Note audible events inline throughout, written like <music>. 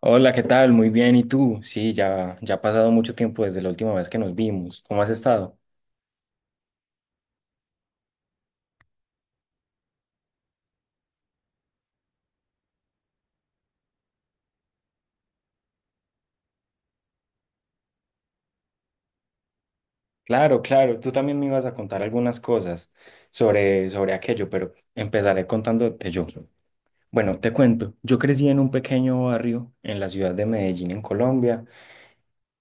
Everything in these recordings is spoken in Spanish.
Hola, ¿qué tal? Muy bien, ¿y tú? Sí, ya, ya ha pasado mucho tiempo desde la última vez que nos vimos. ¿Cómo has estado? Claro, claro, tú también me ibas a contar algunas cosas sobre aquello, pero empezaré contándote yo. Bueno, te cuento, yo crecí en un pequeño barrio en la ciudad de Medellín, en Colombia,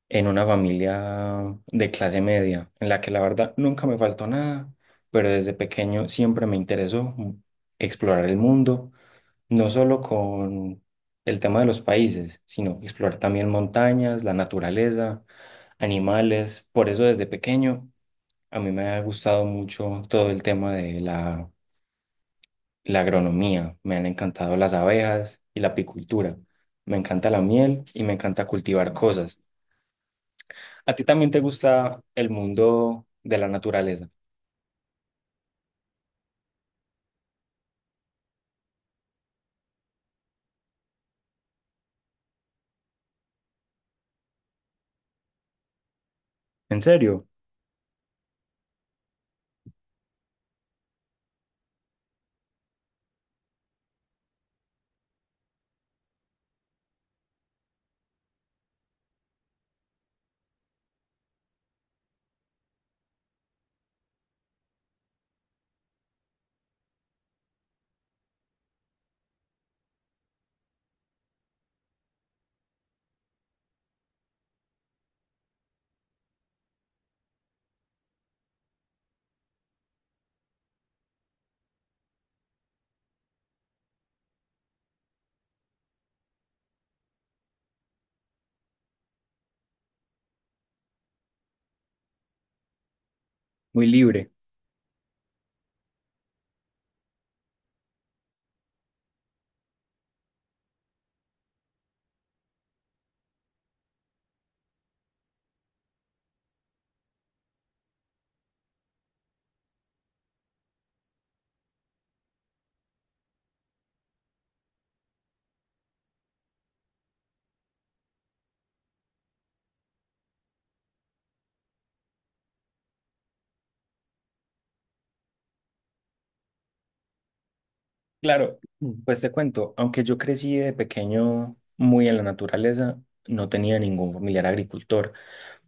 en una familia de clase media, en la que la verdad nunca me faltó nada, pero desde pequeño siempre me interesó explorar el mundo no solo con el tema de los países, sino explorar también montañas, la naturaleza, animales. Por eso desde pequeño a mí me ha gustado mucho todo el tema de la agronomía. Me han encantado las abejas y la apicultura. Me encanta la miel y me encanta cultivar cosas. ¿A ti también te gusta el mundo de la naturaleza? ¿En serio? Muy libre. Claro, pues te cuento, aunque yo crecí de pequeño muy en la naturaleza, no tenía ningún familiar agricultor,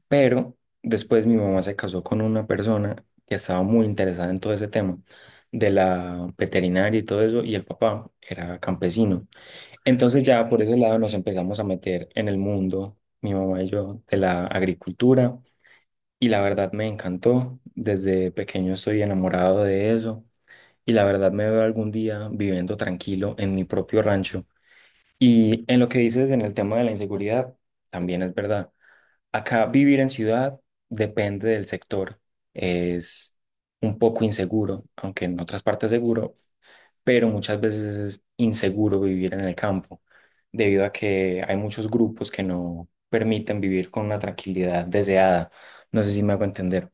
pero después mi mamá se casó con una persona que estaba muy interesada en todo ese tema de la veterinaria y todo eso, y el papá era campesino. Entonces ya por ese lado nos empezamos a meter en el mundo, mi mamá y yo, de la agricultura, y la verdad me encantó, desde pequeño estoy enamorado de eso y la verdad me veo algún día viviendo tranquilo en mi propio rancho. Y en lo que dices en el tema de la inseguridad, también es verdad. Acá vivir en ciudad depende del sector. Es un poco inseguro, aunque en otras partes seguro, pero muchas veces es inseguro vivir en el campo, debido a que hay muchos grupos que no permiten vivir con una tranquilidad deseada. No sé si me hago entender.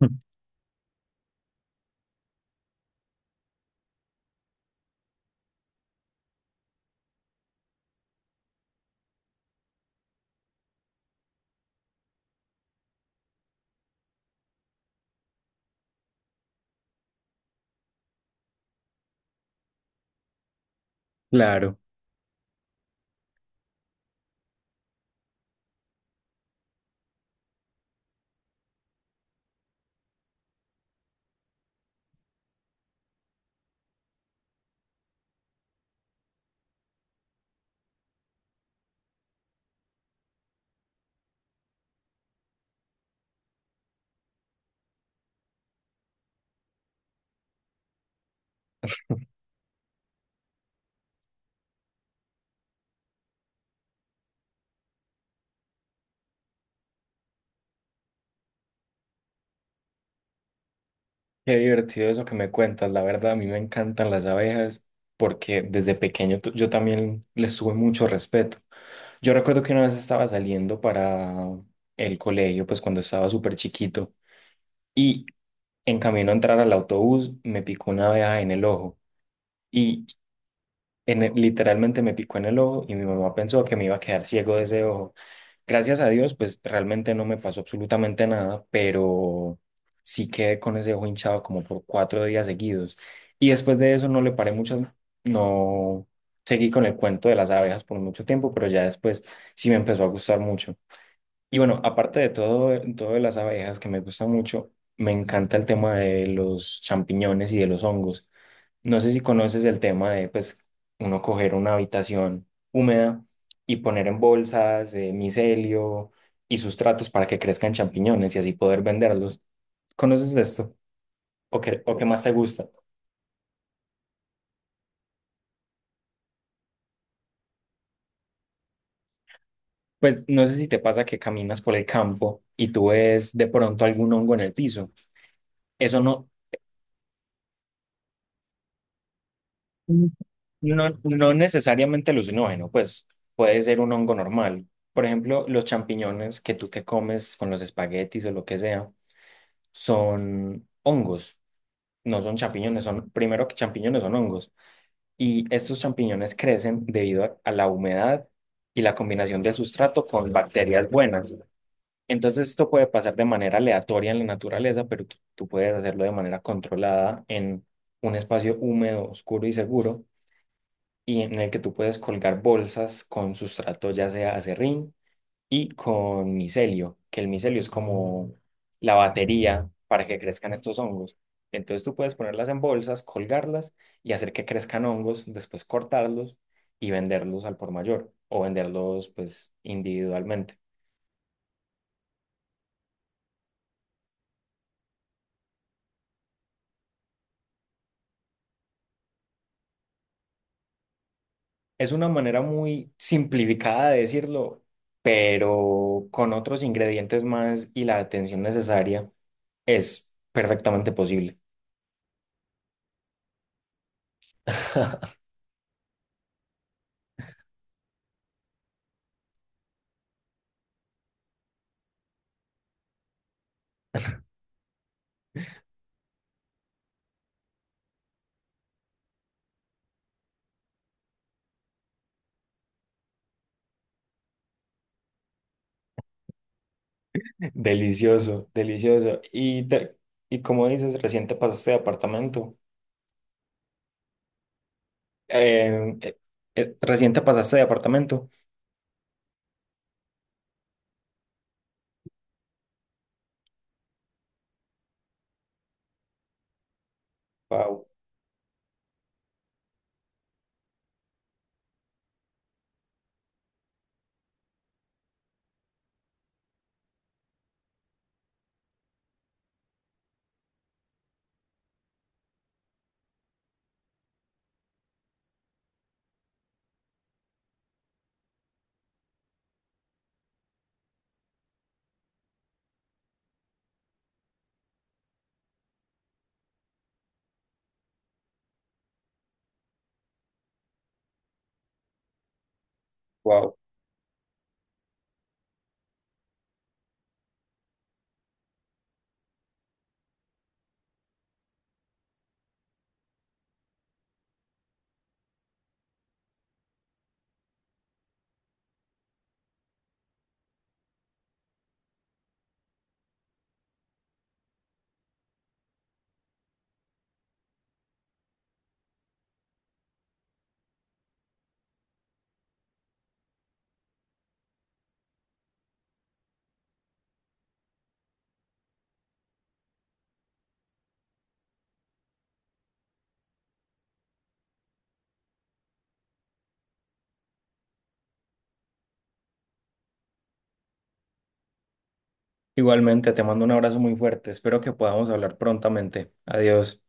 <laughs> Claro. Qué divertido eso que me cuentas, la verdad, a mí me encantan las abejas porque desde pequeño yo también les tuve mucho respeto. Yo recuerdo que una vez estaba saliendo para el colegio, pues cuando estaba súper chiquito, y en camino a entrar al autobús me picó una abeja en el ojo y literalmente me picó en el ojo y mi mamá pensó que me iba a quedar ciego de ese ojo. Gracias a Dios, pues realmente no me pasó absolutamente nada, pero sí quedé con ese ojo hinchado como por cuatro días seguidos. Y después de eso no le paré mucho, no seguí con el cuento de las abejas por mucho tiempo, pero ya después sí me empezó a gustar mucho. Y bueno, aparte de todo de las abejas que me gusta mucho, me encanta el tema de los champiñones y de los hongos. No sé si conoces el tema de, pues, uno coger una habitación húmeda y poner en bolsas micelio y sustratos para que crezcan champiñones y así poder venderlos. ¿Conoces de esto? O qué más te gusta? Pues no sé si te pasa que caminas por el campo y tú ves de pronto algún hongo en el piso. Eso no. Mm. No, no necesariamente alucinógeno, pues puede ser un hongo normal. Por ejemplo, los champiñones que tú te comes con los espaguetis o lo que sea son hongos, no son champiñones, son primero que champiñones son hongos. Y estos champiñones crecen debido a la humedad y la combinación del sustrato con bacterias buenas. Entonces esto puede pasar de manera aleatoria en la naturaleza, pero tú puedes hacerlo de manera controlada en un espacio húmedo, oscuro y seguro, y en el que tú puedes colgar bolsas con sustrato, ya sea acerrín y con micelio, que el micelio es como la batería para que crezcan estos hongos. Entonces tú puedes ponerlas en bolsas, colgarlas y hacer que crezcan hongos, después cortarlos y venderlos al por mayor o venderlos pues individualmente. Es una manera muy simplificada de decirlo, pero con otros ingredientes más y la atención necesaria es perfectamente posible. <laughs> Delicioso, delicioso. Y como dices, reciente pasaste de apartamento. Eh, eh, Reciente pasaste de apartamento. Wow, wow. Igualmente, te mando un abrazo muy fuerte. Espero que podamos hablar prontamente. Adiós.